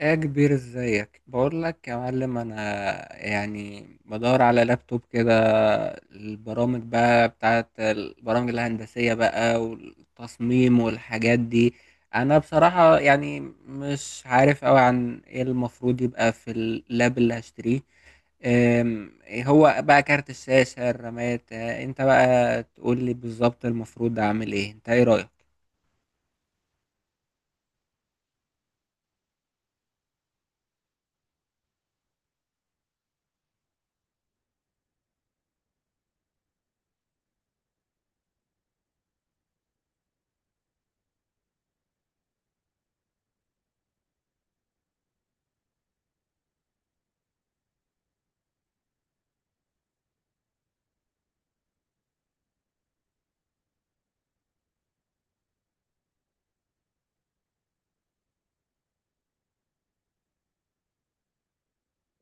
ايه يا كبير، ازيك؟ بقول لك يا معلم، انا يعني بدور على لابتوب كده. البرامج الهندسية بقى والتصميم والحاجات دي. انا بصراحة يعني مش عارف قوي عن ايه المفروض يبقى في اللاب اللي هشتريه. إيه هو بقى كارت الشاشة، الرامات؟ انت بقى تقول لي بالظبط المفروض اعمل ايه، انت ايه رأيك؟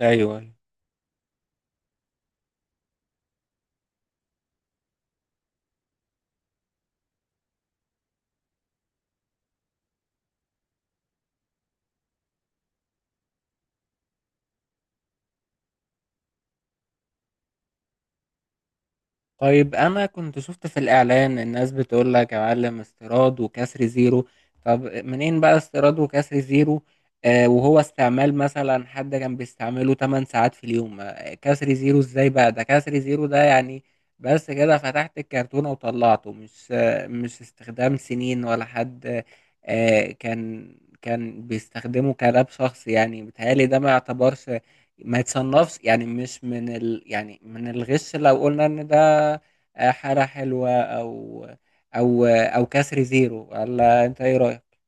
ايوه. طيب انا كنت شفت في الاعلان الناس بتقول لك يا معلم استيراد وكسر زيرو. طب منين بقى استيراد وكسر زيرو؟ وهو استعمال مثلا حد كان بيستعمله 8 ساعات في اليوم، كسر زيرو ازاي؟ بقى ده كسر زيرو ده يعني؟ بس كده فتحت الكرتونة وطلعته، مش استخدام سنين ولا حد. آه كان كان بيستخدمه كلاب شخص، يعني بيتهيألي ده ما يعتبرش، ما يتصنفش، يعني مش يعني من الغش لو قلنا ان ده حالة حلوة، او كسر زيرو، ولا انت ايه رأيك؟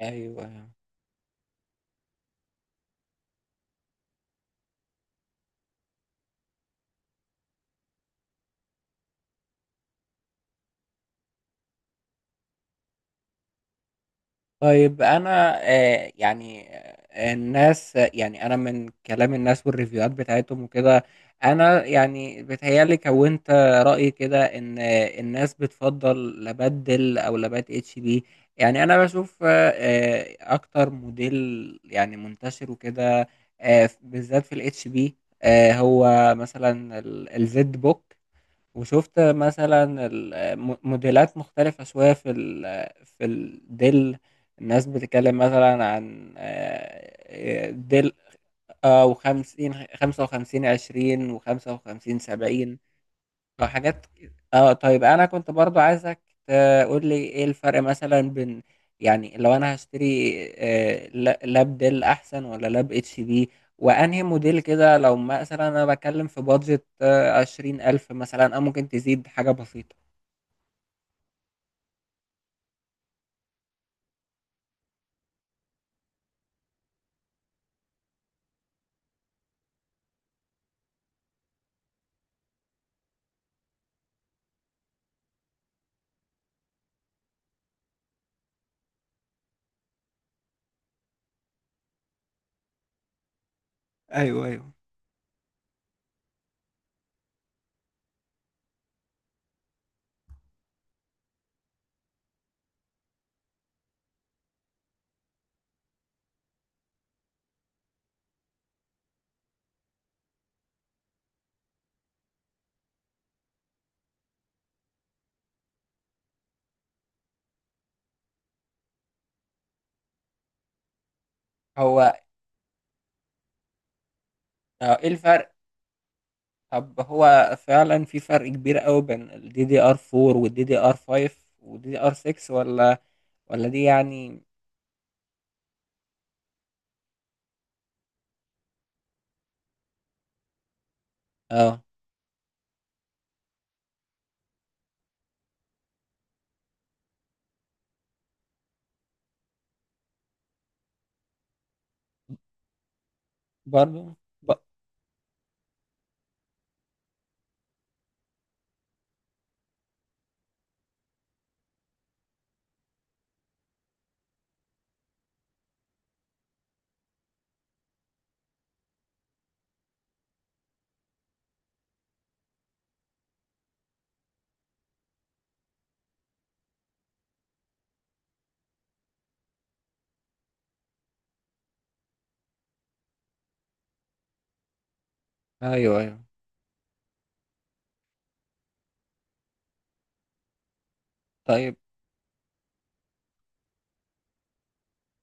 ايوه. طيب انا يعني، الناس يعني، انا من كلام الناس والريفيوهات بتاعتهم وكده، انا يعني بتهيالي كونت رأي كده ان الناس بتفضل لابات ديل او لابات اتش بي. يعني انا بشوف اكتر موديل يعني منتشر وكده، بالذات في الاتش بي. هو مثلا الزد بوك. وشُفت مثلًا ال م موديلات مختلفة شوية في الدِل، الناس بتتكلّم مثلًا عن دِل، و50 خ 55، 20 و55، 70. اه، حاجات طيب انا كنت برضو عايزك تقول لي ايه الفرق مثلا بين، يعني لو انا هشتري لاب ديل احسن ولا لاب اتش بي، وانهي موديل كده، لو مثلا انا بتكلم في بادجت 20000 مثلا، او ممكن تزيد حاجة بسيطة. ايوه، ايوه. هو، ايه الفرق؟ طب هو فعلا في فرق كبير قوي بين الدي دي ار 4 والدي دي ار 5 والدي دي ار 6، ولا دي يعني؟ اه، برضو ب... ايوه، ايوه، طيب.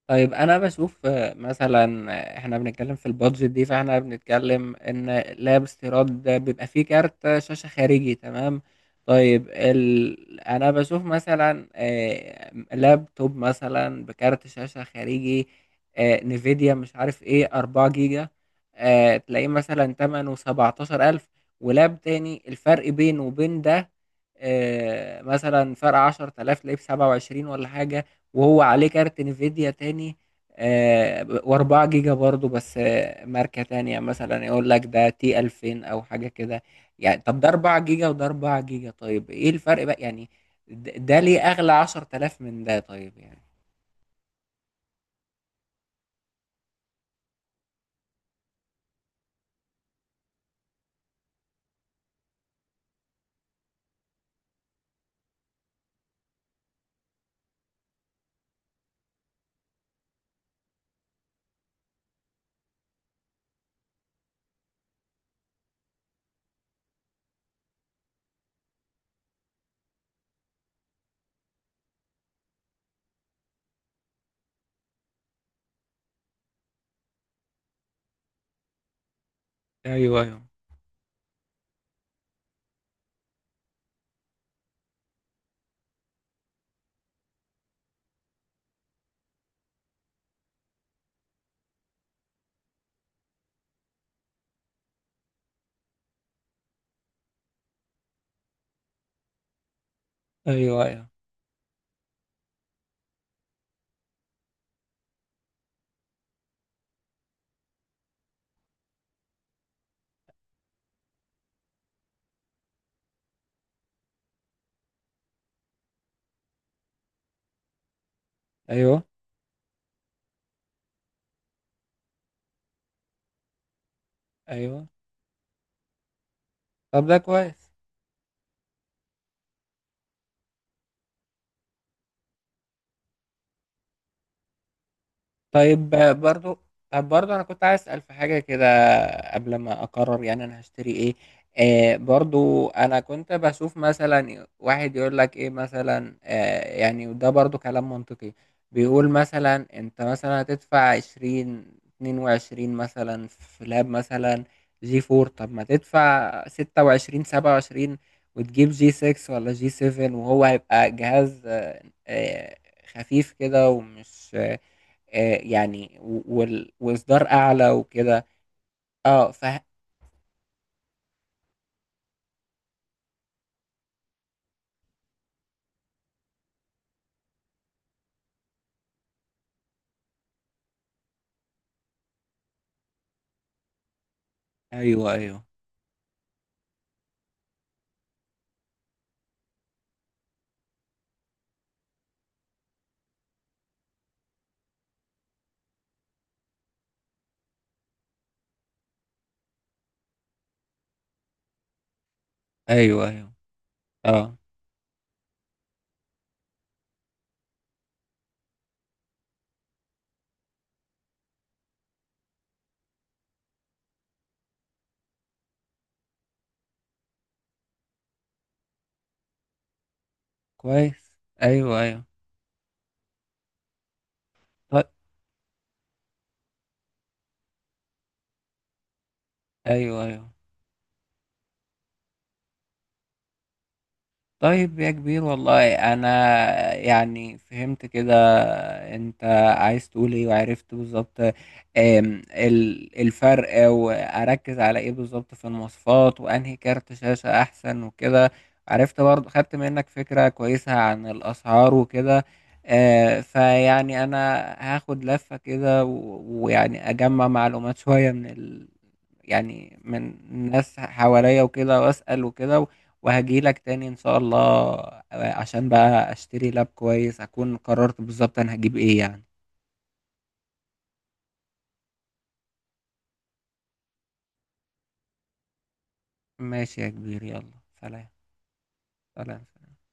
طيب انا بشوف مثلا، احنا بنتكلم في البادجت دي، فاحنا بنتكلم ان لاب استيراد ده بيبقى فيه كارت شاشة خارجي، تمام. طيب انا بشوف مثلا لابتوب مثلا بكارت شاشة خارجي، نيفيديا مش عارف ايه، 4 جيجا. تلاقيه مثلا تمنه 17000، ولاب تاني الفرق بينه وبين ده مثلا فرق 10000. تلاقيه ب 27 ولا حاجة، وهو عليه كارت انفيديا تاني، واربعة جيجا برضو، بس ماركة تانية مثلا، يقول لك ده تي الفين او حاجة كده. يعني طب ده اربعة جيجا وده اربعة جيجا، طيب ايه الفرق بقى يعني؟ ده ليه اغلى 10000 من ده طيب يعني؟ ايوه، ايوه، ايوه، ايوه، ايوه، ايوه. طب ده كويس. طيب برضو. طب برضو انا كنت عايز اسال في حاجه كده قبل ما اقرر يعني انا هشتري ايه. برضو انا كنت بشوف مثلا واحد يقول لك ايه مثلا يعني، وده برضو كلام منطقي. بيقول مثلا، انت مثلا هتدفع 20، 22 مثلا في لاب مثلا جي فور. طب ما تدفع 26، 27، وتجيب جي سكس ولا جي سيفن، وهو هيبقى جهاز آه، خفيف كده ومش يعني و وإصدار أعلى وكده. آه، فه أيوه، أيوه، أيوه، أيوه، آه، كويس، أيوه، أيوه، طي أيوه، أيوه. طيب يا كبير، والله انا يعني فهمت كده انت عايز تقول ايه، وعرفت بالظبط الفرق، واركز على ايه بالظبط في المواصفات، وانهي كارت شاشة احسن وكده. عرفت برضه، خدت منك فكرة كويسة عن الاسعار وكده. فيعني انا هاخد لفة كده ويعني اجمع معلومات شوية يعني من ناس حواليا وكده، واسأل وكده، وهاجيلك تاني إن شاء الله، عشان بقى أشتري لاب كويس أكون قررت بالظبط أنا هجيب إيه يعني. ماشي يا كبير، يلا. سلام. سلام.